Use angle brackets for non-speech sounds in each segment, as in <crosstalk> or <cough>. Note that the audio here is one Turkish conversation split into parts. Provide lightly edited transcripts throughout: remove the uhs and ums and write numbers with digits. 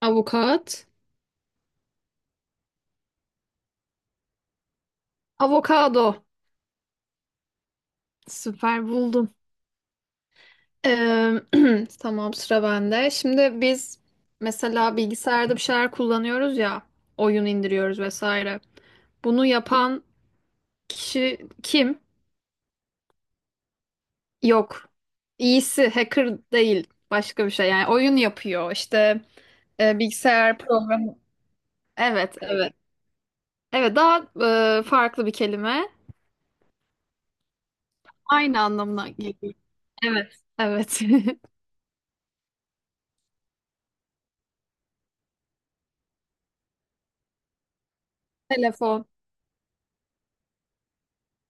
Avukat. Avokado. Süper buldum. Ee, <clears throat> tamam sıra bende. Şimdi biz mesela bilgisayarda bir şeyler kullanıyoruz ya. Oyun indiriyoruz vesaire. Bunu yapan kişi kim? Yok. İyisi hacker değil. Başka bir şey. Yani oyun yapıyor. İşte bilgisayar programı. Evet. Evet daha farklı bir kelime. Aynı anlamına geliyor. Evet. Evet. <laughs> Telefon.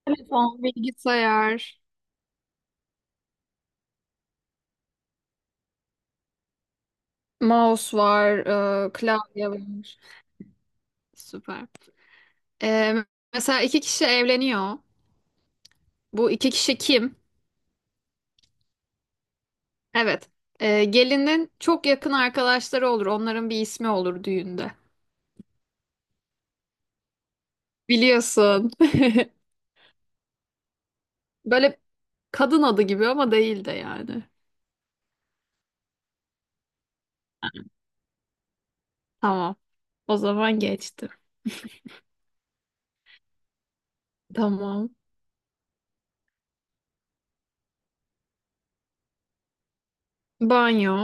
Telefon, bilgisayar, mouse var, klavye var. Süper. E, mesela iki kişi evleniyor. Bu iki kişi kim? Evet. E, gelinin çok yakın arkadaşları olur. Onların bir ismi olur düğünde. Biliyorsun. <laughs> Böyle kadın adı gibi ama değil de yani. Tamam. O zaman geçtim. Tamam. Banyo,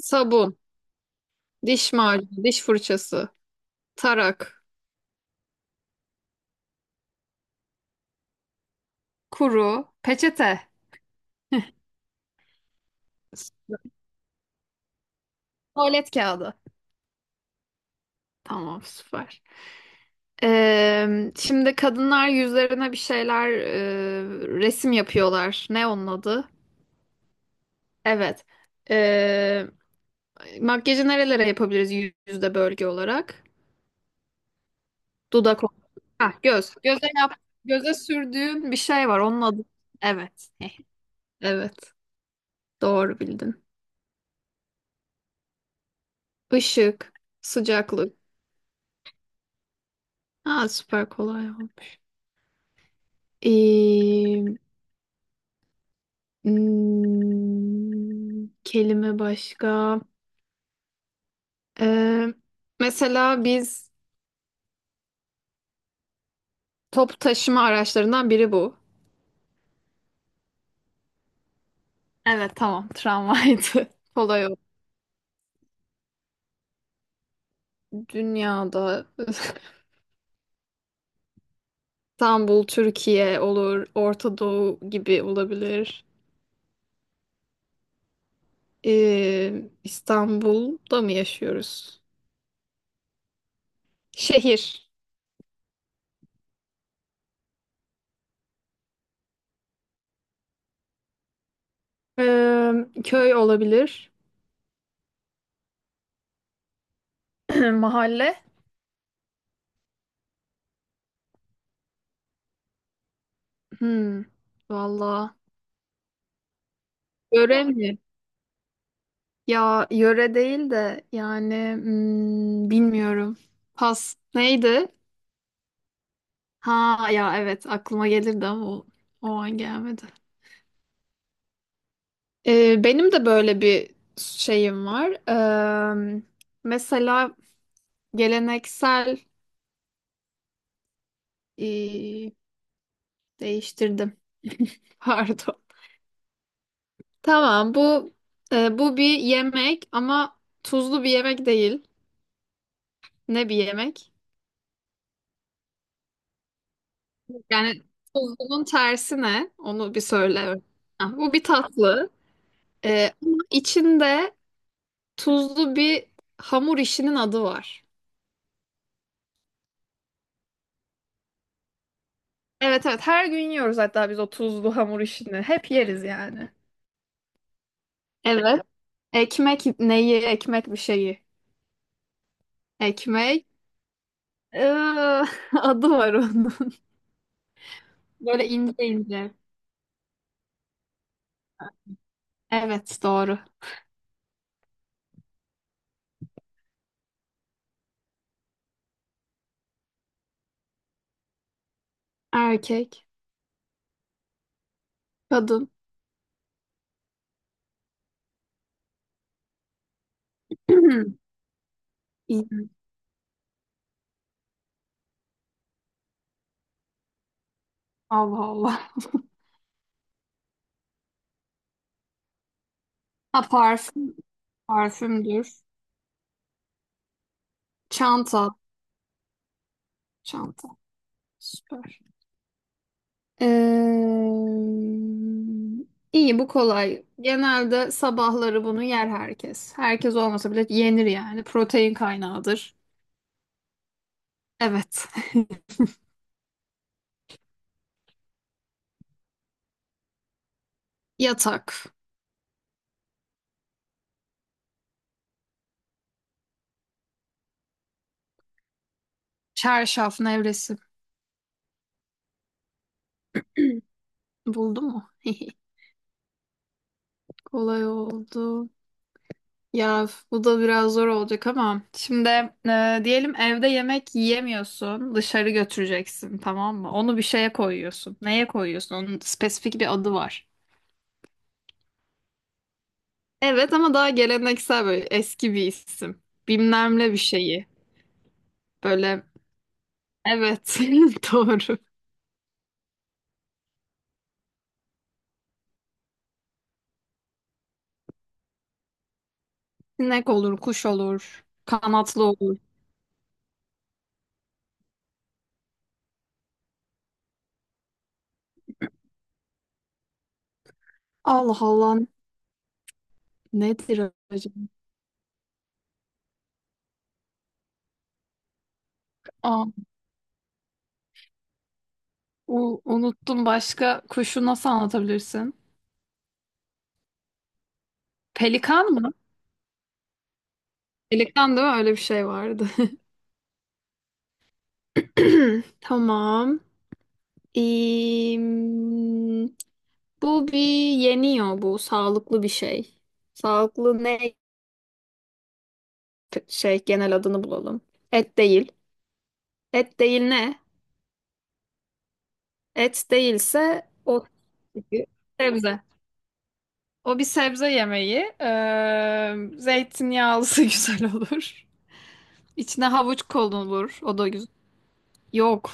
sabun, diş macunu, diş fırçası, tarak, kuru, peçete, <laughs> tuvalet kağıdı. Tamam süper. Şimdi kadınlar yüzlerine bir şeyler resim yapıyorlar. Ne onun adı? Evet. Ee, makyajı nerelere yapabiliriz yüzde bölge olarak? Dudak. Ha, göz. Göze yap. Göze sürdüğün bir şey var. Onun adı. Evet. <laughs> Evet. Doğru bildin. Işık. Sıcaklık. Ha, süper kolay olmuş. Ee, kelime başka. Ee, mesela biz toplu taşıma araçlarından biri bu. Evet tamam tramvaydı. <laughs> Kolay o. Dünyada. <laughs> İstanbul, Türkiye olur, Orta Doğu gibi olabilir. Ee, İstanbul'da mı yaşıyoruz? Şehir. Ee, köy olabilir. <clears throat> Mahalle. Hmm, valla. Yöre mi? Ya yöre değil de yani bilmiyorum. Pas neydi? Ha ya evet aklıma gelirdi ama o an gelmedi. Benim de böyle bir şeyim var. Mesela geleneksel ee, değiştirdim. <laughs> Pardon. Tamam bu bu bir yemek ama tuzlu bir yemek değil. Ne bir yemek? Yani tuzlunun tersi ne? Onu bir söyle. Ha, bu bir tatlı. Ama içinde tuzlu bir hamur işinin adı var. Evet evet her gün yiyoruz hatta biz o tuzlu hamur işini. Hep yeriz yani. Evet. Ekmek neyi? Ekmek bir şeyi. Ekmek. Iıı, <laughs> adı var onun. Böyle ince ince. Evet doğru. Erkek. Kadın. <clears throat> İyi. Allah Allah. Ha parfüm. Parfümdür. Çanta. Çanta. Süper. Ee, iyi bu kolay. Genelde sabahları bunu yer herkes. Herkes olmasa bile yenir yani. Protein kaynağıdır. Evet. <laughs> Yatak. Çarşaf nevresi. Buldun mu? <laughs> Kolay oldu. Ya bu da biraz zor olacak ama şimdi diyelim evde yemek yiyemiyorsun, dışarı götüreceksin tamam mı? Onu bir şeye koyuyorsun. Neye koyuyorsun? Onun spesifik bir adı var. Evet ama daha geleneksel böyle eski bir isim. Bilmemle bir şeyi. Böyle evet <laughs> doğru. Sinek olur, kuş olur, kanatlı olur. Allah Allah, nedir acaba? Aa, unuttum başka kuşu nasıl anlatabilirsin? Pelikan mı? Pelikan değil mi? Öyle bir şey vardı. <clears throat> Tamam. Ee, bu bir yeniyor bu. Sağlıklı bir şey. Sağlıklı ne şey genel adını bulalım. Et değil. Et değil ne? Et değilse o sebze. O bir sebze yemeği. Zeytinyağlısı <laughs> güzel olur. İçine havuç konulur. O da güzel. Yok.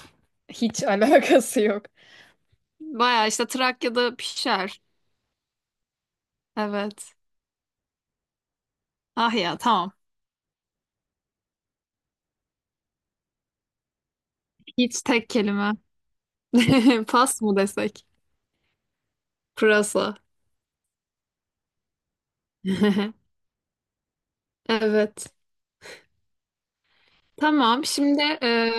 Hiç <laughs> alakası yok. Baya işte Trakya'da pişer. Evet. Ah ya tamam. Hiç tek kelime. <laughs> Pas mı desek? Pırasa. <laughs> Evet. Tamam. Şimdi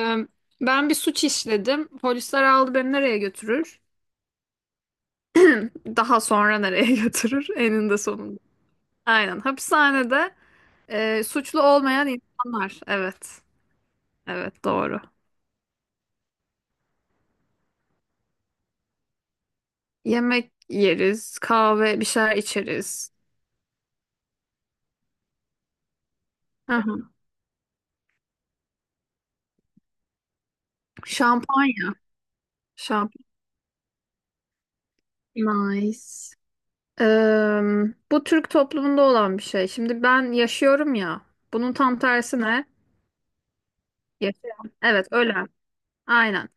ben bir suç işledim. Polisler aldı beni nereye götürür? Daha sonra nereye <laughs> götürür eninde sonunda. Aynen. Hapishanede suçlu olmayan insanlar. Evet. Evet doğru. Yemek yeriz, kahve bir şeyler içeriz. Hı hı. Şampanya. Şampanya. Nice. Eee, bu Türk toplumunda olan bir şey. Şimdi ben yaşıyorum ya. Bunun tam tersi ne? Yaşayan. Evet, ölen. Aynen.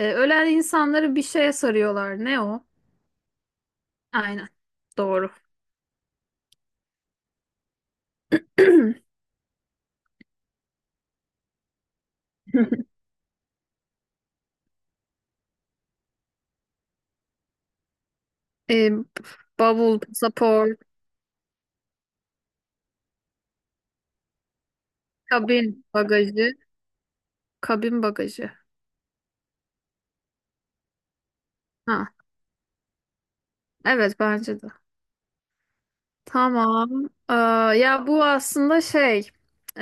Ölen insanları bir şeye sarıyorlar. Ne o? Aynen. Doğru. <laughs> Eee bavul, pasaport. Kabin bagajı. Kabin bagajı. Ha, evet bence de. Tamam. Ee, ya bu aslında şey ee,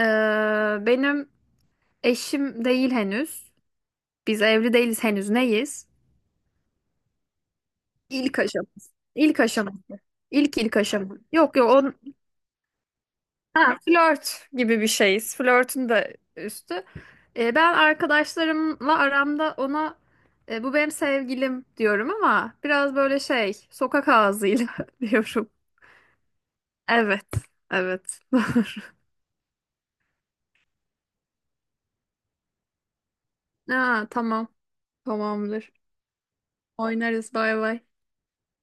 benim eşim değil henüz. Biz evli değiliz henüz. Neyiz? İlk aşaması. İlk aşaması. İlk aşama. Yok yok on ha, flört gibi bir şeyiz. Flörtün de üstü. Ben arkadaşlarımla aramda ona bu benim sevgilim diyorum ama biraz böyle şey sokak ağzıyla <laughs> diyorum. Evet. Evet. <laughs> Doğru. Aa, tamam. Tamamdır. Oynarız. Bay bay.